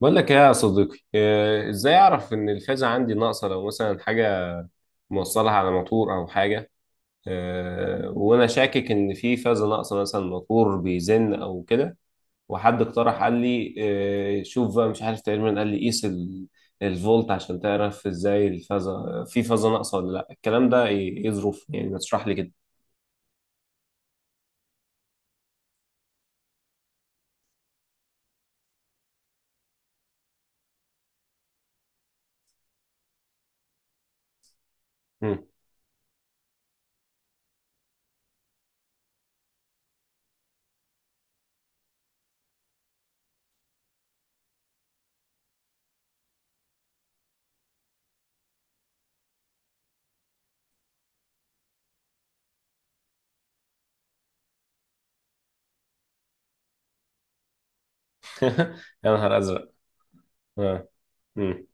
بقول لك ايه يا صديقي، ازاي اعرف ان الفازة عندي ناقصة لو مثلا حاجة موصلها على موتور او حاجة. وانا شاكك ان في فازة ناقصة، مثلا موتور بيزن او كده. وحد اقترح، قال لي شوف بقى، مش عارف تقريبا، قال لي قيس الفولت عشان تعرف ازاي الفازة، في فازة ناقصة ولا لا؟ الكلام ده ايه، إيه ظروف؟ يعني ما تشرح لي كده. مم. يا نهار ازرق. اه. مم.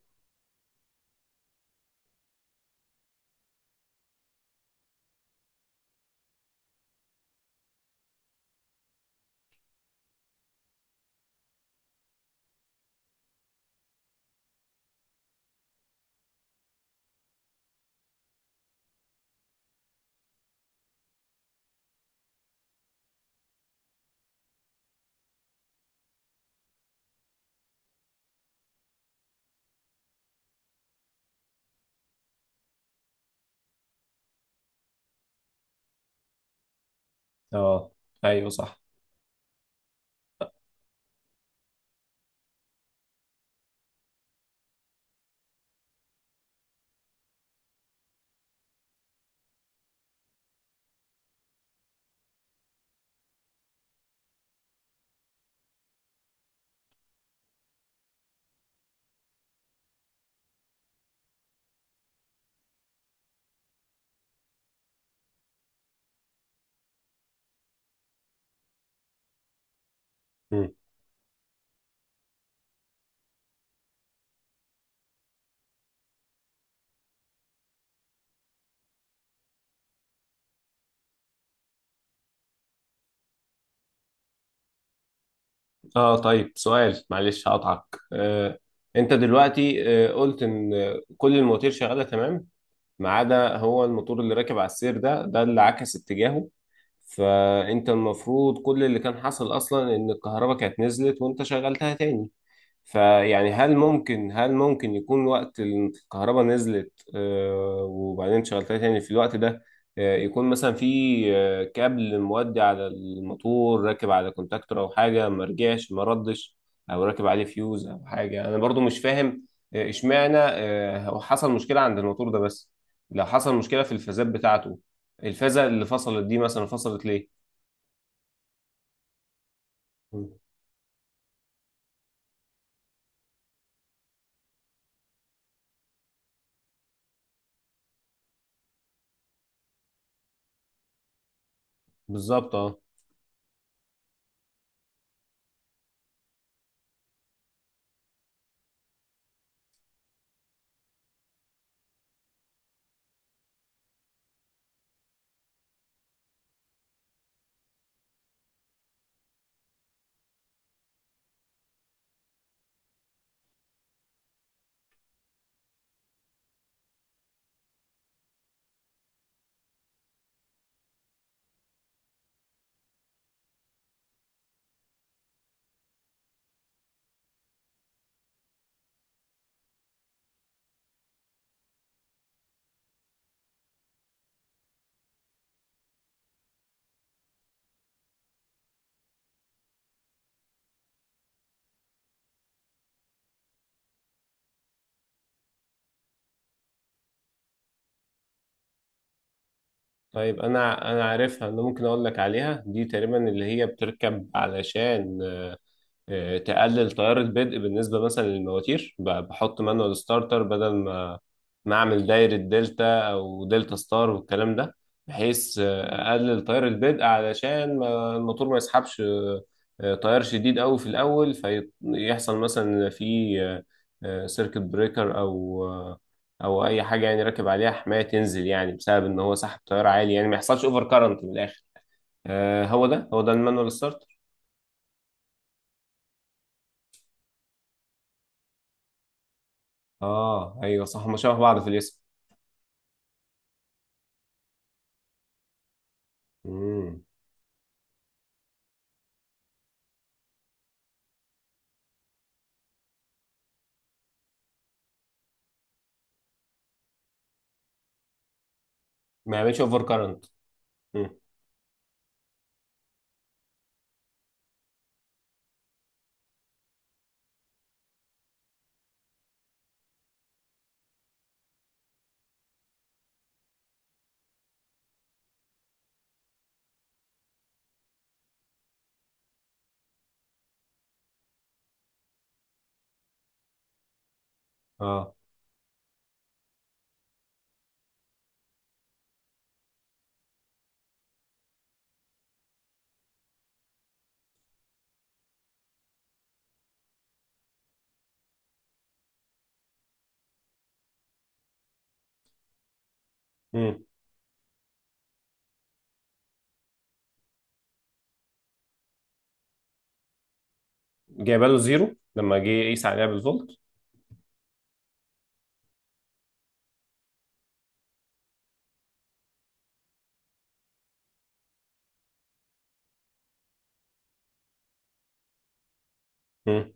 آه. ايوه، صح. اه، طيب سؤال، معلش هقطعك. آه انت دلوقتي قلت ان كل المواتير شغاله تمام ما عدا هو الموتور اللي راكب على السير ده، ده اللي عكس اتجاهه. فانت المفروض كل اللي كان حصل اصلا ان الكهرباء كانت نزلت وانت شغلتها تاني. فيعني هل ممكن، هل ممكن يكون وقت الكهرباء نزلت وبعدين شغلتها تاني في الوقت ده، يكون مثلا في كابل مودي على الموتور راكب على كونتاكتور او حاجه ما رجعش ما ردش، او راكب عليه فيوز او حاجه؟ انا برضو مش فاهم اشمعنى هو حصل مشكله عند الموتور ده بس. لو حصل مشكله في الفازات بتاعته، الفازه اللي فصلت دي مثلا فصلت ليه؟ بالظبط، اه. طيب، انا عارفها. انا ممكن اقول لك عليها، دي تقريبا اللي هي بتركب علشان تقلل تيار البدء بالنسبه مثلا للمواتير، بحط مانوال ستارتر بدل ما نعمل دايرة دلتا أو دلتا ستار والكلام ده، بحيث أقلل تيار البدء علشان ما الموتور ما يسحبش تيار شديد أوي في الأول، فيحصل مثلا في سيركت بريكر أو أو أي حاجة يعني راكب عليها حماية تنزل، يعني بسبب إن هو سحب تيار عالي، يعني ما يحصلش أوفر كارنت من الآخر. هو ده المانوال ستارت؟ أيوه صح، هما شبه بعض في الاسم. مم. ما يعملش أوفر كارنت. اه. جايبه له زيرو لما جه يقيس عليها بالفولت. مم.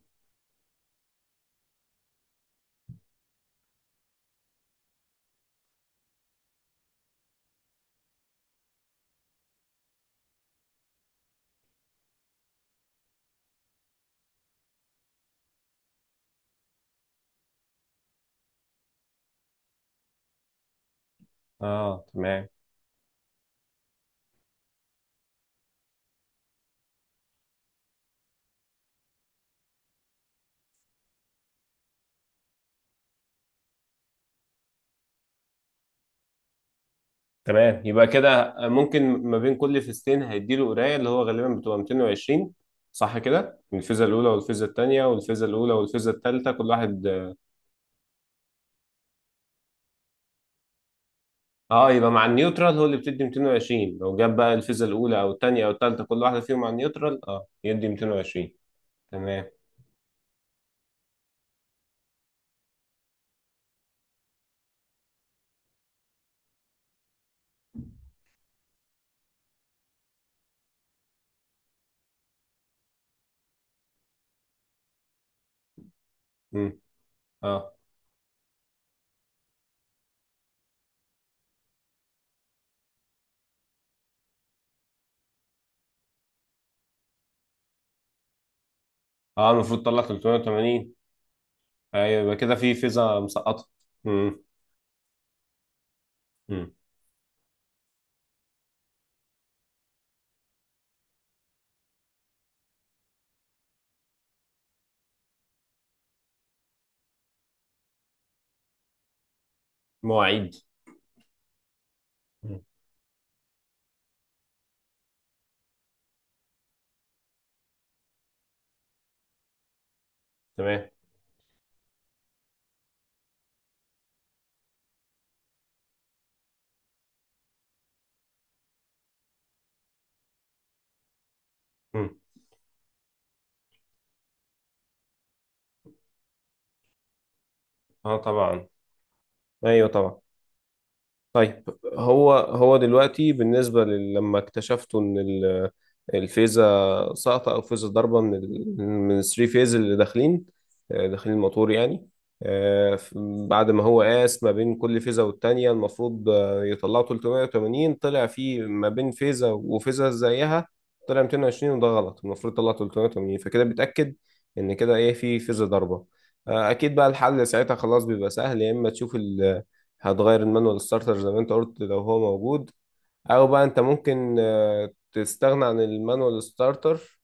اه، تمام. تمام، يبقى كده ممكن ما بين كل فيزتين هيديله قرايه اللي هو غالبا بتبقى 220. صح كده، الفيزا الاولى والفيزا الثانيه، والفيزا الاولى والفيزا الثالثه، كل واحد. اه، يبقى مع النيوترال هو اللي بتدي 220. لو جاب بقى الفيزا الاولى او الثانيه او الثالثه كل واحده فيهم مع النيوترال، اه يدي 220. تمام. مم. اه. اه، المفروض طلع 380. ايوه، يبقى كده في فيزا مسقطه. مم. مم. مواعيد. مم. تمام. اه، طبعا. ايوه طبعا. طيب هو، هو دلوقتي بالنسبه لما اكتشفتوا ان الفيزا ساقطه او فيزا ضاربه من من الثري فيز اللي داخلين، داخلين الموتور يعني، آه، ف- بعد ما هو قاس ما بين كل فيزا والتانيه المفروض يطلعوا 380، طلع في ما بين فيزا وفيزا زيها طلع 220، وده غلط، المفروض يطلع 380. فكده بيتاكد ان كده ايه، في فيزا ضاربه اكيد. بقى الحل ساعتها خلاص بيبقى سهل، يا اما تشوف هتغير المانوال ستارتر زي ما انت قلت لو هو موجود، او بقى انت ممكن تستغنى عن المانوال ستارتر.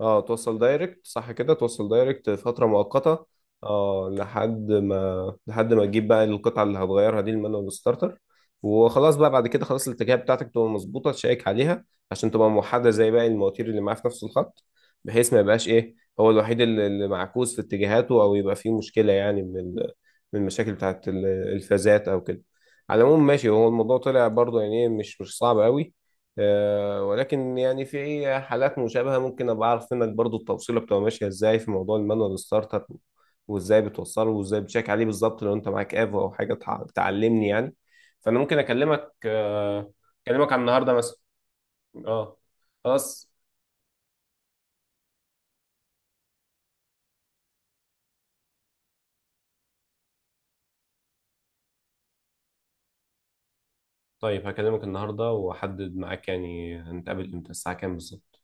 اه، توصل دايركت. صح كده، توصل دايركت فترة مؤقتة. اه، لحد ما تجيب بقى القطعة اللي هتغيرها دي، المانوال ستارتر، وخلاص بقى. بعد كده خلاص الاتجاهات بتاعتك تبقى مظبوطة، تشيك عليها عشان تبقى موحدة زي باقي المواتير اللي معاه في نفس الخط، بحيث ما يبقاش ايه، هو الوحيد اللي معكوس في اتجاهاته او يبقى فيه مشكلة يعني من من المشاكل بتاعت الفازات او كده. على العموم ماشي، هو الموضوع طلع برضه يعني إيه، مش صعب قوي. ولكن يعني في حالات مشابهة ممكن أبقى أعرف منك برضو التوصيلة بتبقى ماشية إزاي في موضوع المانوال ستارت أب، وإزاي بتوصله وإزاي بتشيك عليه بالظبط لو أنت معاك ايفو أو حاجة تعلمني يعني. فأنا ممكن أكلمك على النهاردة مثلا. أه، خلاص. طيب هكلمك النهاردة وأحدد معاك يعني هنتقابل إمتى الساعة كام بالظبط؟